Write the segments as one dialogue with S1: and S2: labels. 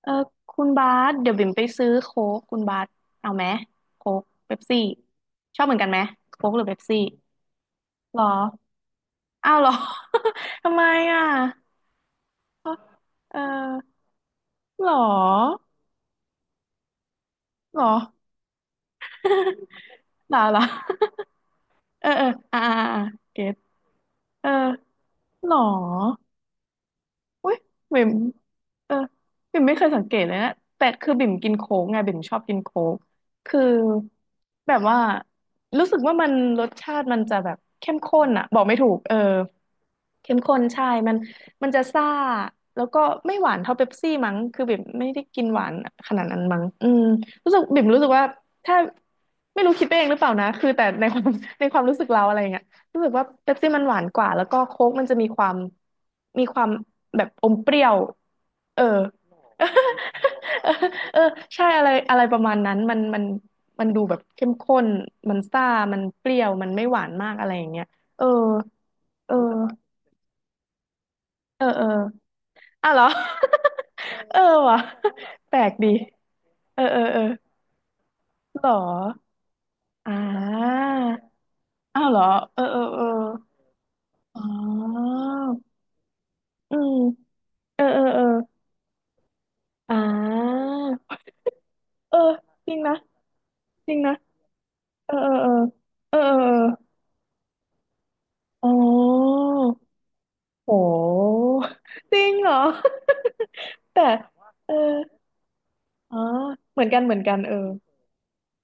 S1: เออคุณบาสเดี๋ยวบิ่มไปซื้อโค้กคุณบาสเอาไหมโค้กเป๊ปซี่ชอบเหมือนกันไหมโค้กหรือเป๊ปซี่หรออ้าวเหรอ ทำไมอ่ะเออหรอหรอ หรอ หรอ เออเอออ่าอ่าอ่าเก็ตเออหรอ อุ้ยบิ่มเออบิ่มไม่เคยสังเกตเลยนะแต่คือบิ่มกินโค้กไงบิ่มชอบกินโค้กคือแบบว่ารู้สึกว่ามันรสชาติมันจะแบบเข้มข้นอะบอกไม่ถูกเออเข้มข้นใช่มันจะซ่าแล้วก็ไม่หวานเท่าเป๊ปซี่มั้งคือบิ่มไม่ได้กินหวานขนาดนั้นมั้งอืมรู้สึกบิ่มรู้สึกว่าถ้าไม่รู้คิดไปเองหรือเปล่านะคือแต่ในความ ในความรู้สึกเราอะไรอย่างเงี้ย รู้สึกว่าเป๊ปซี่มันหวานกว่าแล้วก็โค้กมันจะมีความมีความแบบอมเปรี้ยวเออเออ เออใช่อะไรอะไรประมาณนั้นมันมันมันดูแบบเข้มข้นมันซ่ามันเปรี้ยวมันไม่หวานมากอะไรอย่างเงี้ยเออเออเออเอออ่ะเหรอ เออว่ะแปลกดีเออเออเออเหรออ่าอ้าวเหรอเออเออเอออ๋ออืมเออเออเออ อ่าเออจริงนะจริงนะเออเออเออเออเออเอออ๋อโหจริงเหรอ แต่เอออ๋อเหมือนกันเหมือนกันเออ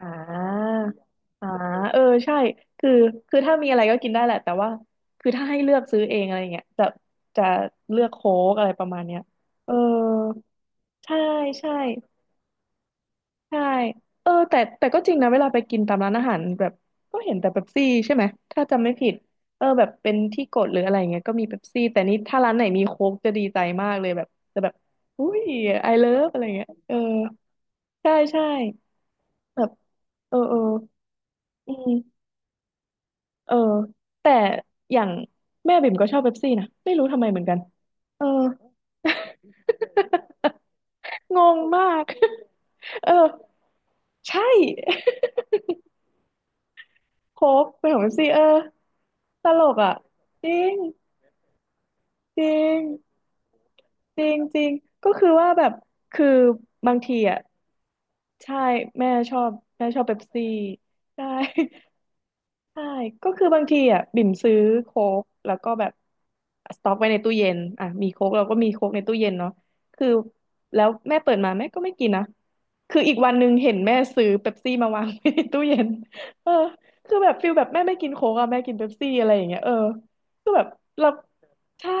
S1: อ่าอ่าเออใช่คือคือถ้ามีอะไรก็กินได้แหละแต่ว่าคือถ้าให้เลือกซื้อเองอะไรเงี้ยจะจะเลือกโค้กอะไรประมาณเนี้ยเออใช่ใช่ ใช่เออแต่แต่ก็จริงนะเวลาไปกินตามร้านอาหารแบบก็เห็นแต่เป๊ปซี่ใช่ไหมถ้าจำไม่ผิดเออแบบเป็นที่กดหรืออะไรเงี้ยก็มีเป๊ปซี่แต่นี่ถ้าร้านไหนมีโค้กจะดีใจมากเลยแบบจะแบบอุ้ย I love อะไรเงี้ยเออใช่ใช่แบบเออเอออืมเออแต่อย่างแม่บิ่มก็ชอบเป๊ปซี่นะไม่รู้ทำไมเหมือนกันเออ งงมาก เออใช่ โคกเป็นของเอฟซีเออตลกอ่ะจริงจริงจริงจริงก็คือว่าแบบคือบางทีอ่ะใช่แม่ชอบแม่ชอบเป๊ปซี่ใช่ ใช่ก็คือบางทีอ่ะบิ่มซื้อโค้กแล้วก็แบบสต็อกไว้ในตู้เย็นอ่ะมีโค้กเราก็มีโค้กในตู้เย็นเนาะคือแล้วแม่เปิดมาแม่ก็ไม่กินนะคืออีกวันหนึ่งเห็นแม่ซื้อเป๊ปซี่มาวางไว้ในตู้เย็นเออคือแบบฟิลแบบแม่ไม่กินโค้กอ่ะแม่กินเป๊ปซี่อะไรอย่างเงี้ยเออคือแบบเราใช่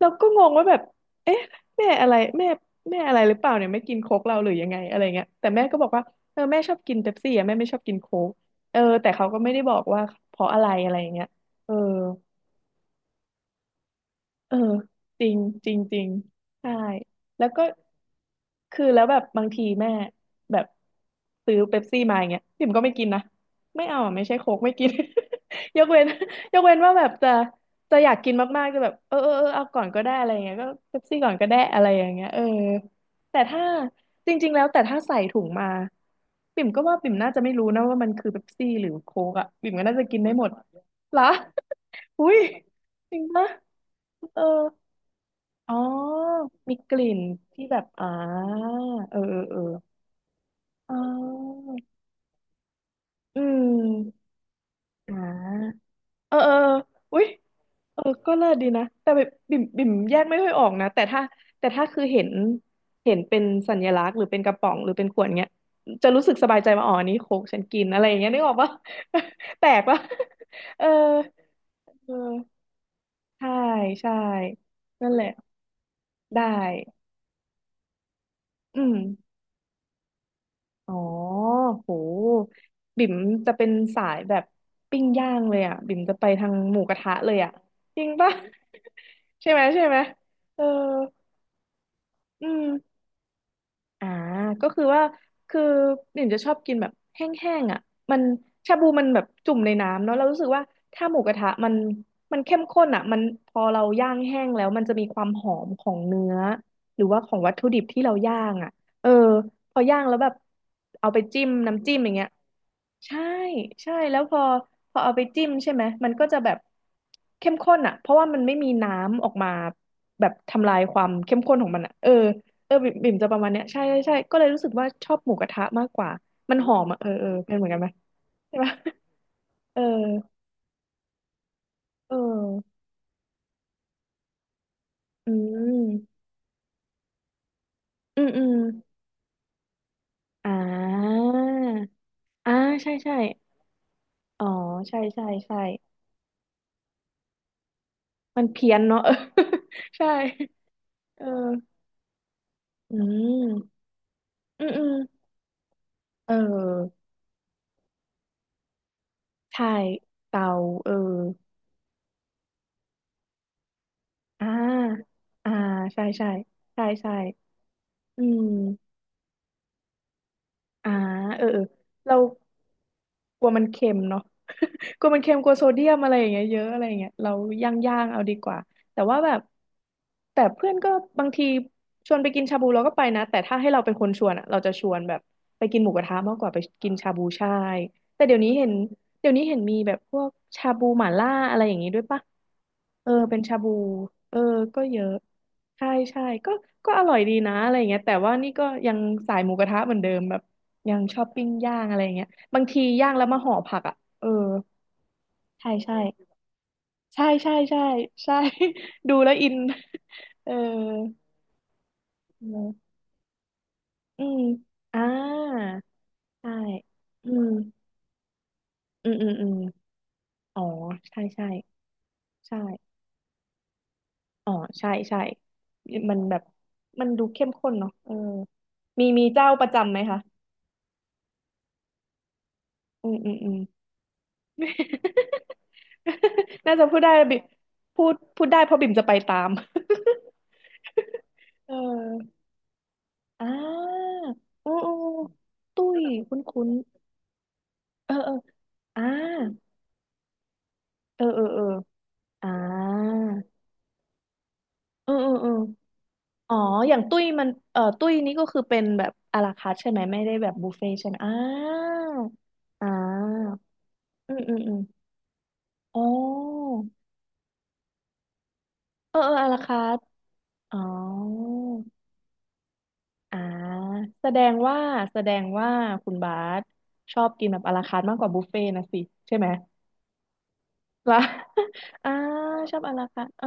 S1: เราก็งงว่าแบบเอ๊ะแม่อะไรแม่แม่อะไรหรือเปล่าเนี่ยไม่กินโค้กเราหรือยังไงอะไรเงี้ยแต่แม่ก็บอกว่าเออแม่ชอบกินเป๊ปซี่อ่ะแม่ไม่ชอบกินโค้ก เออแต่เขาก็ไม่ได้บอกว่าเพราะอะไรอะไรอย่างเงี้ยเออเออจริงจริงจริงใช่แล้วก็ คือแล้วแบบบางทีแม่แบบซื้อเป๊ปซี่มาอย่างเงี้ยพิมก็ไม่กินนะไม่เอาอะไม่ใช่โค้กไม่กิน ยกเว้น ยกเว้นว่าแบบจะจะอยากกินมากๆจะแบบเออเออเออเอาก่อนก็ได้อะไรอย่างเงี้ยก็เป๊ปซี่ก่อนก็ได้อะไรอย่างเงี้ยเออแต่ถ้าจริงๆแล้วแต่ถ้าใส่ถุงมาปิ่มก็ว่าปิ่มน่าจะไม่รู้นะว่ามันคือเป๊ปซี่หรือโค้กอะปิ่มก็น่าจะกินได้หมดเหรอ อุ้ยจริงปะเออ อ๋อมีกลิ่นที่แบบอ่าเออเออเอออ๋ออืมอ่าเออเอออุ๊ยเออก็เลิศดีนะแต่แบบบิ่มบิ่มแยกไม่ค่อยออกนะแต่ถ้าแต่ถ้าคือเห็นเห็นเป็นสัญลักษณ์หรือเป็นกระป๋องหรือเป็นขวดเงี้ยจะรู้สึกสบายใจว่าอ๋ออันนี้โค้กฉันกินอะไรอย่างเงี้ยนึกออกปะ แปลกปะเออเออใช่ใช่นั่นแหละได้อืม อ๋อโหบิ่มจะเป็นสายแบบปิ้งย่างเลยอ่ะบิ่มจะไปทางหมูกระทะเลยอ่ะจริงปะ ใช่ไหมใช่ไหมเอออืมอ่าก็คือว่าคือบิ่มจะชอบกินแบบแห้งๆอ่ะมันชาบูมันแบบจุ่มในน้ำเนาะเรารู้สึกว่าถ้าหมูกระทะมันมันเข้มข้นอ่ะมันพอเราย่างแห้งแล้วมันจะมีความหอมของเนื้อหรือว่าของวัตถุดิบที่เราย่างอ่ะเออพอย่างแล้วแบบเอาไปจิ้มน้ำจิ้มอย่างเงี้ย ใช่ใช่แล้วพอเอาไปจิ้มใช่ไหมมันก็จะแบบเข้มข้นอ่ะเพราะว่ามันไม่มีน้ำออกมาแบบทำลายความเข้มข้นของมันอ่ะเออเออบิ่มจะประมาณเนี้ยใช่ใช่ใช่ก็เลยรู้สึกว่าชอบหมูกระทะมากกว่ามันหอมอ่ะเออเออเป็นเหมือนกันไหมใช่ปะ เออเอออืมอืมอืมอ่าอ่าใช่ใช่อ๋อใช่ใช่ใช่มันเพี้ยนเนาะ เออ ใช่เอออืมอืมอืมเออ ใช่เตาเอออ่าอ่าใช่ใช่ใช่ใช่อืมอ่าเออเออเรากลัวมันเค็มเนาะ กลัวมันเค็มกลัวโซเดียมอะไรอย่างเงี้ยเยอะอะไรอย่างเงี้ยเราย่างเอาดีกว่าแต่ว่าแบบแต่เพื่อนก็บางทีชวนไปกินชาบูเราก็ไปนะแต่ถ้าให้เราเป็นคนชวนอะเราจะชวนแบบไปกินหมูกระทะมากกว่าไปกินชาบูใช่แต่เดี๋ยวนี้เห็นมีแบบพวกชาบูหม่าล่าอะไรอย่างงี้ด้วยปะเออเป็นชาบูเออก็เยอะใช่ใช่ก็อร่อยดีนะอะไรอย่างเงี้ยแต่ว่านี่ก็ยังสายหมูกระทะเหมือนเดิมแบบยังชอบปิ้งย่างอะไรอย่างเงี้ยบางทีย่างแล้วมาห่อผักอ่ะเออ ใช่ใช่ใช่ใช่ ใช่ใช่ ดูแล้วอินเออเนอะอืมอ่าใช่อืมอืมอืมอืมอ๋อใช่ใช่ใช่อ๋อใช่ใช่มันแบบมันดูเข้มข้นเนาะเออมีเจ้าประจำไหมคะอืมอืมอืม น่าจะพูดได้บิพูดได้เพราะบิ่มจะไปตาม เอออ่าโอ้โอ้ตุ้ยคุ้นคุ้นเออเออ อ่าเออเออเอออ่าเออเออเอออ๋ออย่างตุ้ยมันตุ้ยนี่ก็คือเป็นแบบอาราคาร์ทใช่ไหมไม่ได้แบบบุฟเฟ่ต์ใช่ไหมอ่าอ่าอืมอืมอืมอ๋อเออเอออาราคาร์ทอ๋ออ่าแสดงว่าแสดงว่าคุณบาสชอบกินแบบอาราคาร์ทมากกว่าบุฟเฟ่ต์นะสิใช่ไหมล่ะ อ่าชอบอาราคาร์ทเออ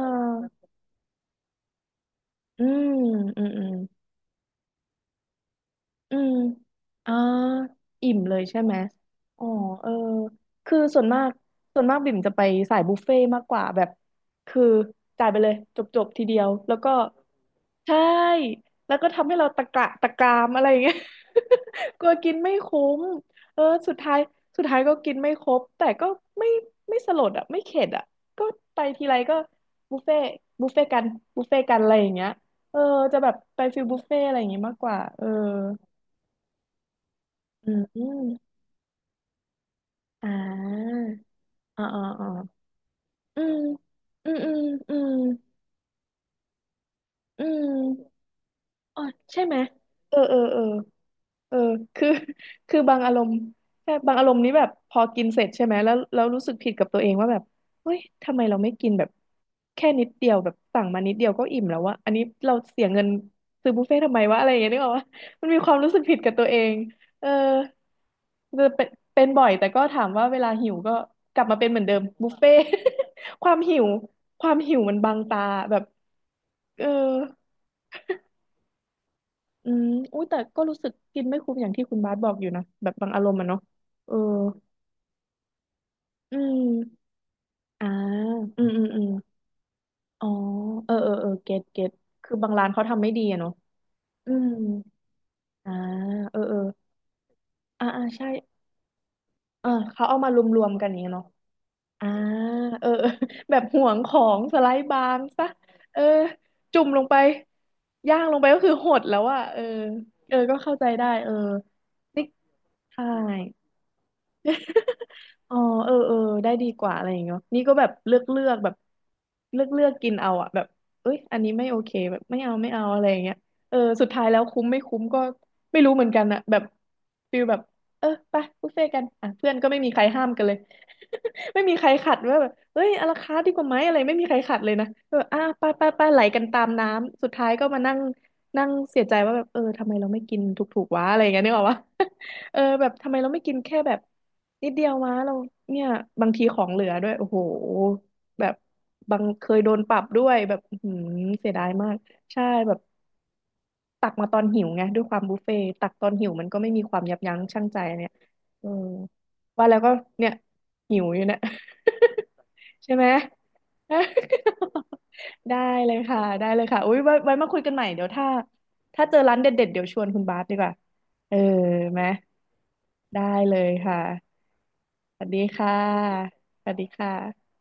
S1: อืมอืมอืม อืมอ่าอิ่มเลยใช่ไหมอ๋อเออ คือส่วนมาก บิ่มจะไปสายบุฟเฟ่ต์มากกว่าแบบคือจ่ายไปเลยจบทีเดียว แล้วก็ใช่ แล้วก็ทำให้เราตะกระตะกรามอะไรอย่างเงี้ย กลัวกินไม่คุ้มเออสุดท้ายก็กินไม่ครบแต่ก็ไม่สลดอ่ะไม่เข็ดอ่ะก็ไปทีไรก็บุฟเฟ่ต์บุฟเฟ่ต์กันบุฟเฟ่ต์กันอะไรอย่างเงี้ยเออจะแบบไปฟิลบุฟเฟ่อะไรอย่างงี้มากกว่าเออ อืมอ่าอ๋ออ๋ออ๋ออืมอืม อืม อืมอืมอ๋อใช่ไหมเออเออเออ เออคือ คือบางอารมณ์ใช่บางอารมณ์นี้แบบพอกินเสร็จใช่ไหม แล้วรู้สึกผิดกับตัวเองว่าแบบเฮ้ยทำไมเราไม่กินแบบแค่นิดเดียวแบบสั่งมานิดเดียวก็อิ่มแล้ววะอันนี้เราเสียเงินซื้อบุฟเฟ่ต์ทำไมวะอะไรอย่างเงี้ยนึกออกว่ามันมีความรู้สึกผิดกับตัวเองเออจะเป็นบ่อยแต่ก็ถามว่าเวลาหิวก็กลับมาเป็นเหมือนเดิมบุฟเฟ่ต์ ความหิวมันบังตาแบบเออ อืมอุ้ยแต่ก็รู้สึกกินไม่คุ้มอย่างที่คุณบาสบอกอยู่นะแบบบางอารมณ์อะเนาะเอออืมอ่าอืมอืมอืมอ๋อเออเออเออเก็ตเก็ตคือบางร้านเขาทำไม่ดีอะเนาะอืมอ่าเออเอออ่าอ่าใช่เออเขาเอามารวมๆกันอย่างเงี้ยเนาะอ่าเออ เออแบบห่วงของสไลด์บางซะเออจุ่มลงไปย่างลงไปก็คือหดแล้วอะเออเออก็เข้าใจได้เออนี่ใช่ อ๋อเออเออได้ดีกว่าอะไรอย่างเงี้ยนี่ก็แบบเลือกแบบเลือกกินเอาอะแบบเอ้ยอันนี้ไม่โอเคแบบไม่เอาอะไรอย่างเงี้ยเออสุดท้ายแล้วคุ้มไม่คุ้มก็ไม่รู้เหมือนกันอะแบบฟิลแบบเออไปบุฟเฟ่ต์กันอ่ะเพื่อนก็ไม่มีใครห้ามกันเลย ไม่มีใครขัดว่าแบบเอ้ยอลาคาร์ทดีกว่าไหมอะไรไม่มีใครขัดเลยนะเอออ่ะไปไหลกันตามน้ำสุดท้ายก็มานั่งนั่งเสียใจว่าแบบเออทำไมเราไม่กินถูกๆวะอะไรอย่างเงี้ยนึกออกปะ เออแบบทำไมเราไม่กินแค่แบบนิดเดียวมาเราเนี่ยบางทีของเหลือด้วยโอ้โหแบบบางเคยโดนปรับด้วยแบบอื้อหืมเสียดายมากใช่แบบตักมาตอนหิวไงด้วยความบุฟเฟ่ต์ตักตอนหิวมันก็ไม่มีความยับยั้งชั่งใจเนี่ยเออว่าแล้วก็เนี่ยหิวอยู่เนี่ย ใช่ไหม ได้เลยค่ะอุ้ยไว้มาคุยกันใหม่เดี๋ยวถ้าเจอร้านเด็ดๆเดี๋ยวชวนคุณบาสดีกว่าเออไหม ได้เลยค่ะ สวัสดีค่ะ สวัสดีค่ะ